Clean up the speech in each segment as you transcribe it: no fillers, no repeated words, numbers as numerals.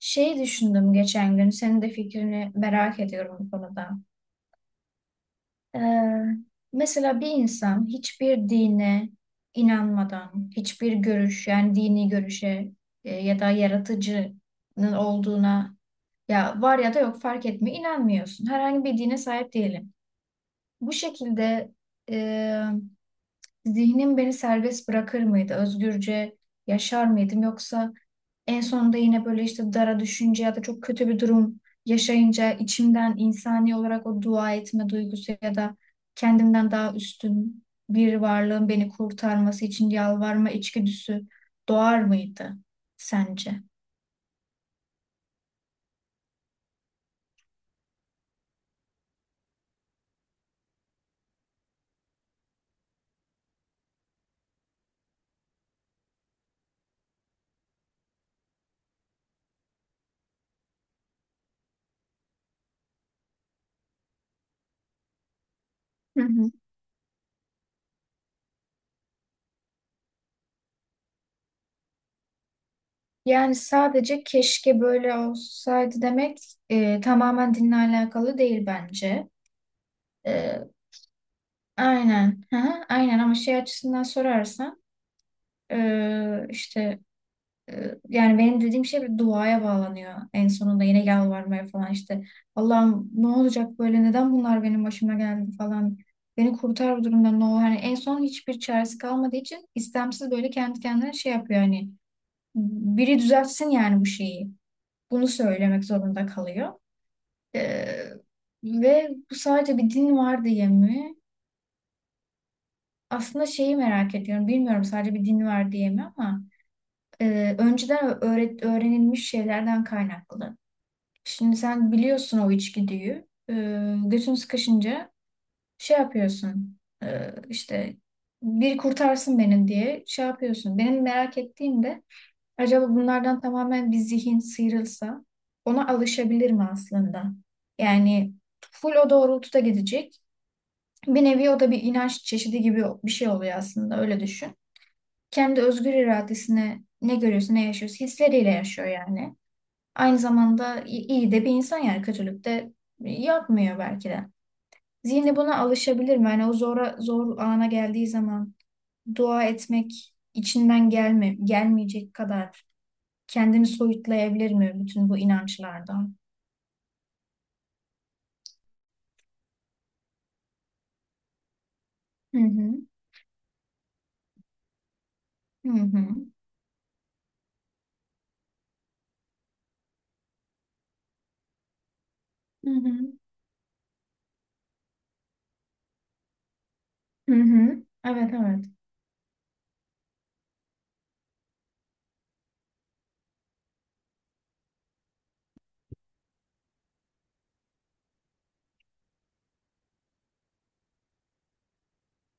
Şey düşündüm geçen gün, senin de fikrini merak ediyorum bu konuda. Ee, Mesela bir insan hiçbir dine inanmadan, hiçbir görüş, yani dini görüşe ya da yaratıcının olduğuna ya var ya da yok fark etmiyor, inanmıyorsun. Herhangi bir dine sahip değilim. Bu şekilde e, zihnim beni serbest bırakır mıydı? Özgürce yaşar mıydım? Yoksa en sonunda yine böyle işte dara düşünce ya da çok kötü bir durum yaşayınca içimden insani olarak o dua etme duygusu ya da kendimden daha üstün bir varlığın beni kurtarması için yalvarma içgüdüsü doğar mıydı sence? Hı hı. Yani sadece keşke böyle olsaydı demek tamamen dinle alakalı değil bence. E, aynen. Hı hı, aynen ama şey açısından sorarsan işte, yani benim dediğim şey bir duaya bağlanıyor. En sonunda yine yalvarmaya falan işte. Allah'ım ne olacak böyle neden bunlar benim başıma geldi falan. Beni kurtar bu durumdan ne olur. Hani en son hiçbir çaresi kalmadığı için istemsiz böyle kendi kendine şey yapıyor hani. Biri düzeltsin yani bu şeyi. Bunu söylemek zorunda kalıyor. Ee, Ve bu sadece bir din var diye mi? Aslında şeyi merak ediyorum. Bilmiyorum sadece bir din var diye mi ama önceden öğrenilmiş şeylerden kaynaklı. Şimdi sen biliyorsun o içgüdüyü. Götün sıkışınca şey yapıyorsun. İşte bir kurtarsın beni diye şey yapıyorsun. Benim merak ettiğim de acaba bunlardan tamamen bir zihin sıyrılsa ona alışabilir mi aslında? Yani full o doğrultuda gidecek. Bir nevi o da bir inanç çeşidi gibi bir şey oluyor aslında öyle düşün. Kendi özgür iradesine ne görüyorsa ne yaşıyorsa hisleriyle yaşıyor yani. Aynı zamanda iyi de bir insan yani kötülük de yapmıyor belki de. Zihni buna alışabilir mi? Yani o zor ana geldiği zaman dua etmek içinden gelmeyecek kadar kendini soyutlayabilir mi bütün bu inançlardan? Hı hı. Hı hı. Hı hı. Hı hı. Evet, evet.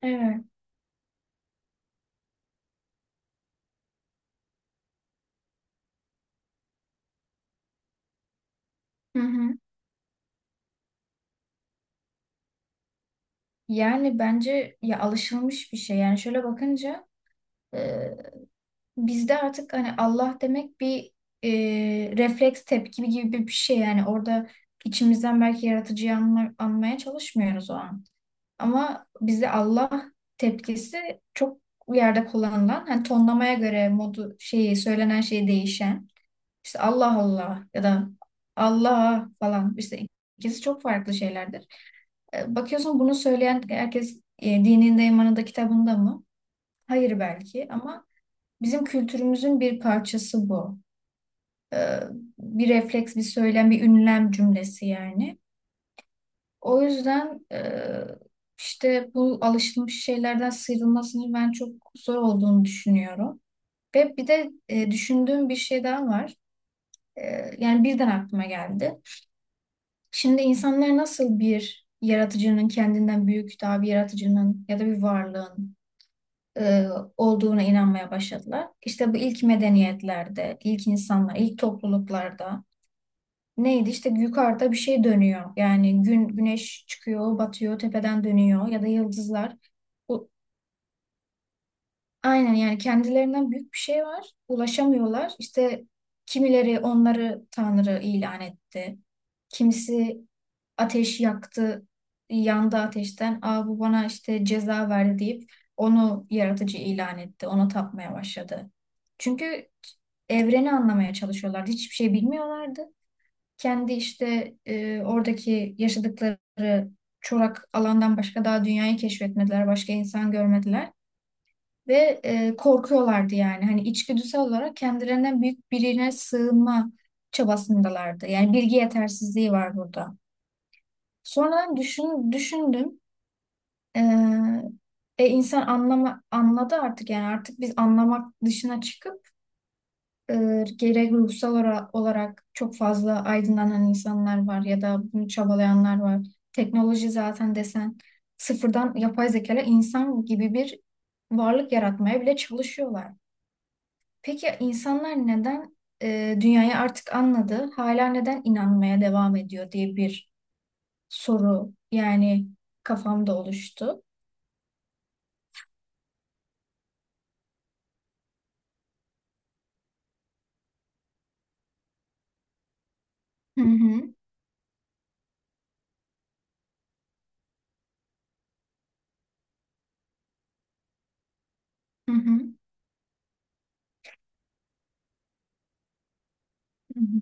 Evet. Hı hı. Yani bence ya alışılmış bir şey. Yani şöyle bakınca bizde artık hani Allah demek bir e, refleks tepki gibi bir şey yani orada içimizden belki anmaya çalışmıyoruz o an. Ama bizde Allah tepkisi çok yerde kullanılan hani tonlamaya göre modu şeyi söylenen şey değişen işte Allah Allah ya da Allah falan işte ikisi çok farklı şeylerdir. Bakıyorsun bunu söyleyen herkes dininde imanında kitabında mı? Hayır belki ama bizim kültürümüzün bir parçası bu. Ee, Bir refleks, bir söylem, bir ünlem cümlesi yani. O yüzden işte bu alışılmış şeylerden sıyrılmasının ben çok zor olduğunu düşünüyorum. Ve bir de düşündüğüm bir şey daha var. E, Yani birden aklıma geldi. Şimdi insanlar nasıl bir yaratıcının kendinden büyük daha bir yaratıcının ya da bir varlığın e, olduğuna inanmaya başladılar. İşte bu ilk medeniyetlerde, ilk insanlar, ilk topluluklarda neydi? İşte yukarıda bir şey dönüyor. Yani güneş çıkıyor, batıyor, tepeden dönüyor ya da yıldızlar. Bu aynen yani kendilerinden büyük bir şey var. Ulaşamıyorlar. İşte kimileri onları Tanrı ilan etti. Kimisi ateş yaktı, yandı ateşten. Aa bu bana işte ceza verdi deyip onu yaratıcı ilan etti. Ona tapmaya başladı. Çünkü evreni anlamaya çalışıyorlar. Hiçbir şey bilmiyorlardı. Kendi işte oradaki yaşadıkları çorak alandan başka daha dünyayı keşfetmediler. Başka insan görmediler. Ve korkuyorlardı yani. Hani içgüdüsel olarak kendilerinden büyük birine sığınma çabasındalardı. Yani bilgi yetersizliği var burada. Sonradan düşündüm. E, anladı artık yani artık biz anlamak dışına çıkıp gerek olarak çok fazla aydınlanan insanlar var ya da bunu çabalayanlar var. Teknoloji zaten desen sıfırdan yapay zeka ile insan gibi bir varlık yaratmaya bile çalışıyorlar. Peki insanlar neden dünyayı artık anladı, hala neden inanmaya devam ediyor diye bir soru yani kafamda oluştu. Hı hı, hı hı, hı hı,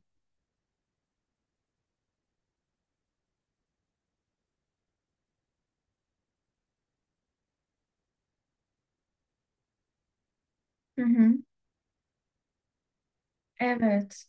hı hı. Evet.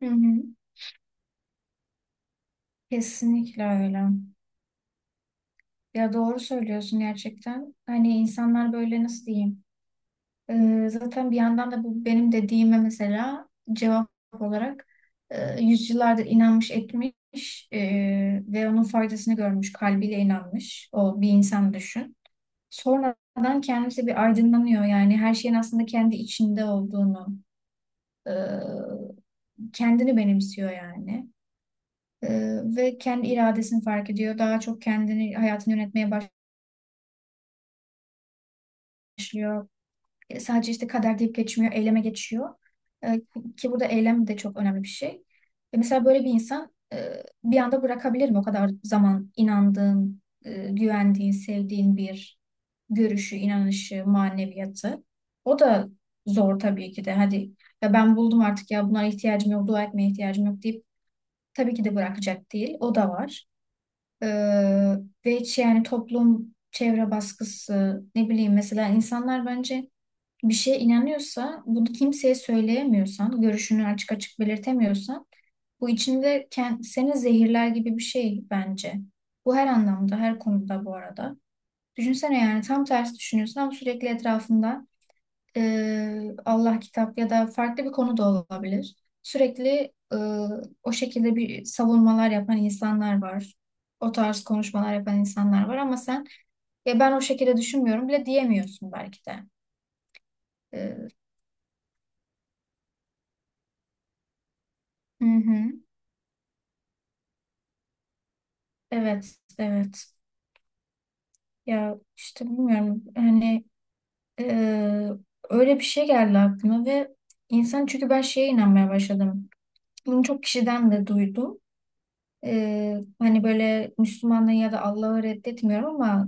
Hı hı. Kesinlikle öyle. Ya doğru söylüyorsun gerçekten. Hani insanlar böyle nasıl diyeyim? Zaten bir yandan da bu benim dediğime mesela cevap olarak yüzyıllardır inanmış etmiş ve onun faydasını görmüş, kalbiyle inanmış o bir insan düşün. Sonradan kendisi bir aydınlanıyor yani her şeyin aslında kendi içinde olduğunu, e, kendini benimsiyor yani. Ve kendi iradesini fark ediyor. Daha çok kendini, hayatını yönetmeye başlıyor. Sadece işte kader deyip geçmiyor, eyleme geçiyor. E, Ki burada eylem de çok önemli bir şey. Mesela böyle bir insan bir anda bırakabilir mi? O kadar zaman inandığın, güvendiğin, sevdiğin bir görüşü, inanışı, maneviyatı. O da zor tabii ki de. Hadi ya ben buldum artık ya bunlara ihtiyacım yok, dua etmeye ihtiyacım yok deyip tabii ki de bırakacak değil. O da var. E, Ve hiç yani toplum, çevre baskısı, ne bileyim mesela insanlar bence bir şeye inanıyorsa, bunu kimseye söyleyemiyorsan, görüşünü açık açık belirtemiyorsan, bu içinde seni zehirler gibi bir şey bence. Bu her anlamda, her konuda bu arada. Düşünsene yani tam tersi düşünüyorsun ama sürekli etrafında Allah kitap ya da farklı bir konu da olabilir. Sürekli e, o şekilde bir savunmalar yapan insanlar var. O tarz konuşmalar yapan insanlar var ama sen ya ben o şekilde düşünmüyorum bile diyemiyorsun belki de. E, hı hı. Evet, evet. Ya işte bilmiyorum. Hani eee, öyle bir şey geldi aklıma ve insan çünkü ben şeye inanmaya başladım. Bunu çok kişiden de duydum. Hani böyle Müslümanlığı ya da Allah'ı reddetmiyorum ama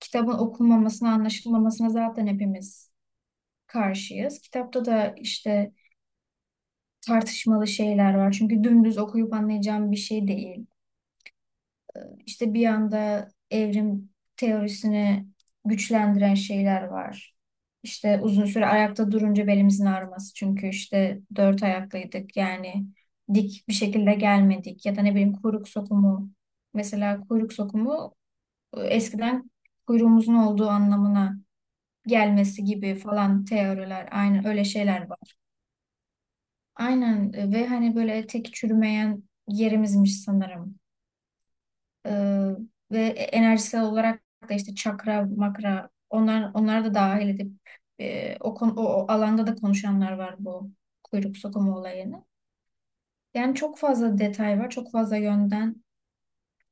kitabın okunmamasına, anlaşılmamasına zaten hepimiz karşıyız. Kitapta da işte tartışmalı şeyler var. Çünkü dümdüz okuyup anlayacağım bir şey değil. İşte bir anda evrim teorisini güçlendiren şeyler var. İşte uzun süre ayakta durunca belimizin ağrıması. Çünkü işte dört ayaklıydık. Yani dik bir şekilde gelmedik. Ya da ne bileyim kuyruk sokumu. Mesela kuyruk sokumu eskiden kuyruğumuzun olduğu anlamına gelmesi gibi falan teoriler. Aynen öyle şeyler var. Aynen ve hani böyle tek çürümeyen yerimizmiş sanırım. Ee, Ve enerjisel olarak da işte çakra, makra onlar da dahil edip o alanda da konuşanlar var bu kuyruk sokumu olayını. Yani çok fazla detay var, çok fazla yönden.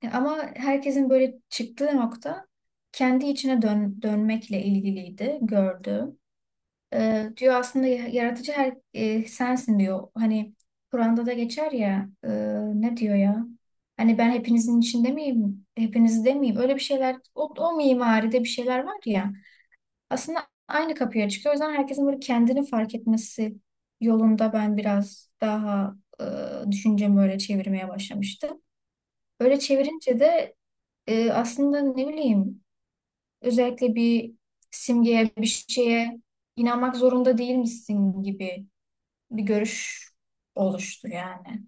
Ama herkesin böyle çıktığı nokta kendi içine dönmekle ilgiliydi gördüğüm. Diyor aslında yaratıcı her sensin diyor. Hani Kur'an'da da geçer ya ne diyor ya? Hani ben hepinizin içinde miyim? Hepinizde miyim? Öyle bir şeyler o mimaride bir şeyler var ya. Aslında aynı kapıya çıkıyor. O yüzden herkesin böyle kendini fark etmesi yolunda ben biraz daha düşüncemi öyle çevirmeye başlamıştım. Öyle çevirince de aslında ne bileyim özellikle bir simgeye bir şeye inanmak zorunda değil misin gibi bir görüş oluştur yani.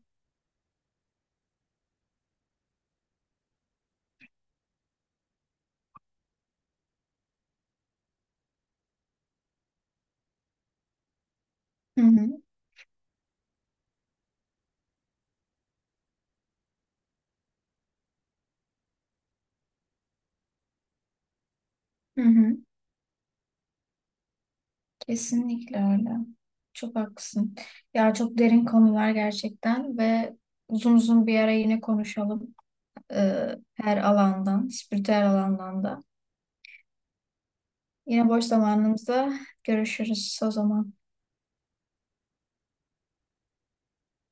Hı hı, hı hı. Kesinlikle öyle. Çok haklısın. Ya çok derin konular gerçekten ve uzun uzun bir ara yine konuşalım. Ee, Her alandan, spiritüel alandan da. Yine boş zamanımızda görüşürüz o zaman.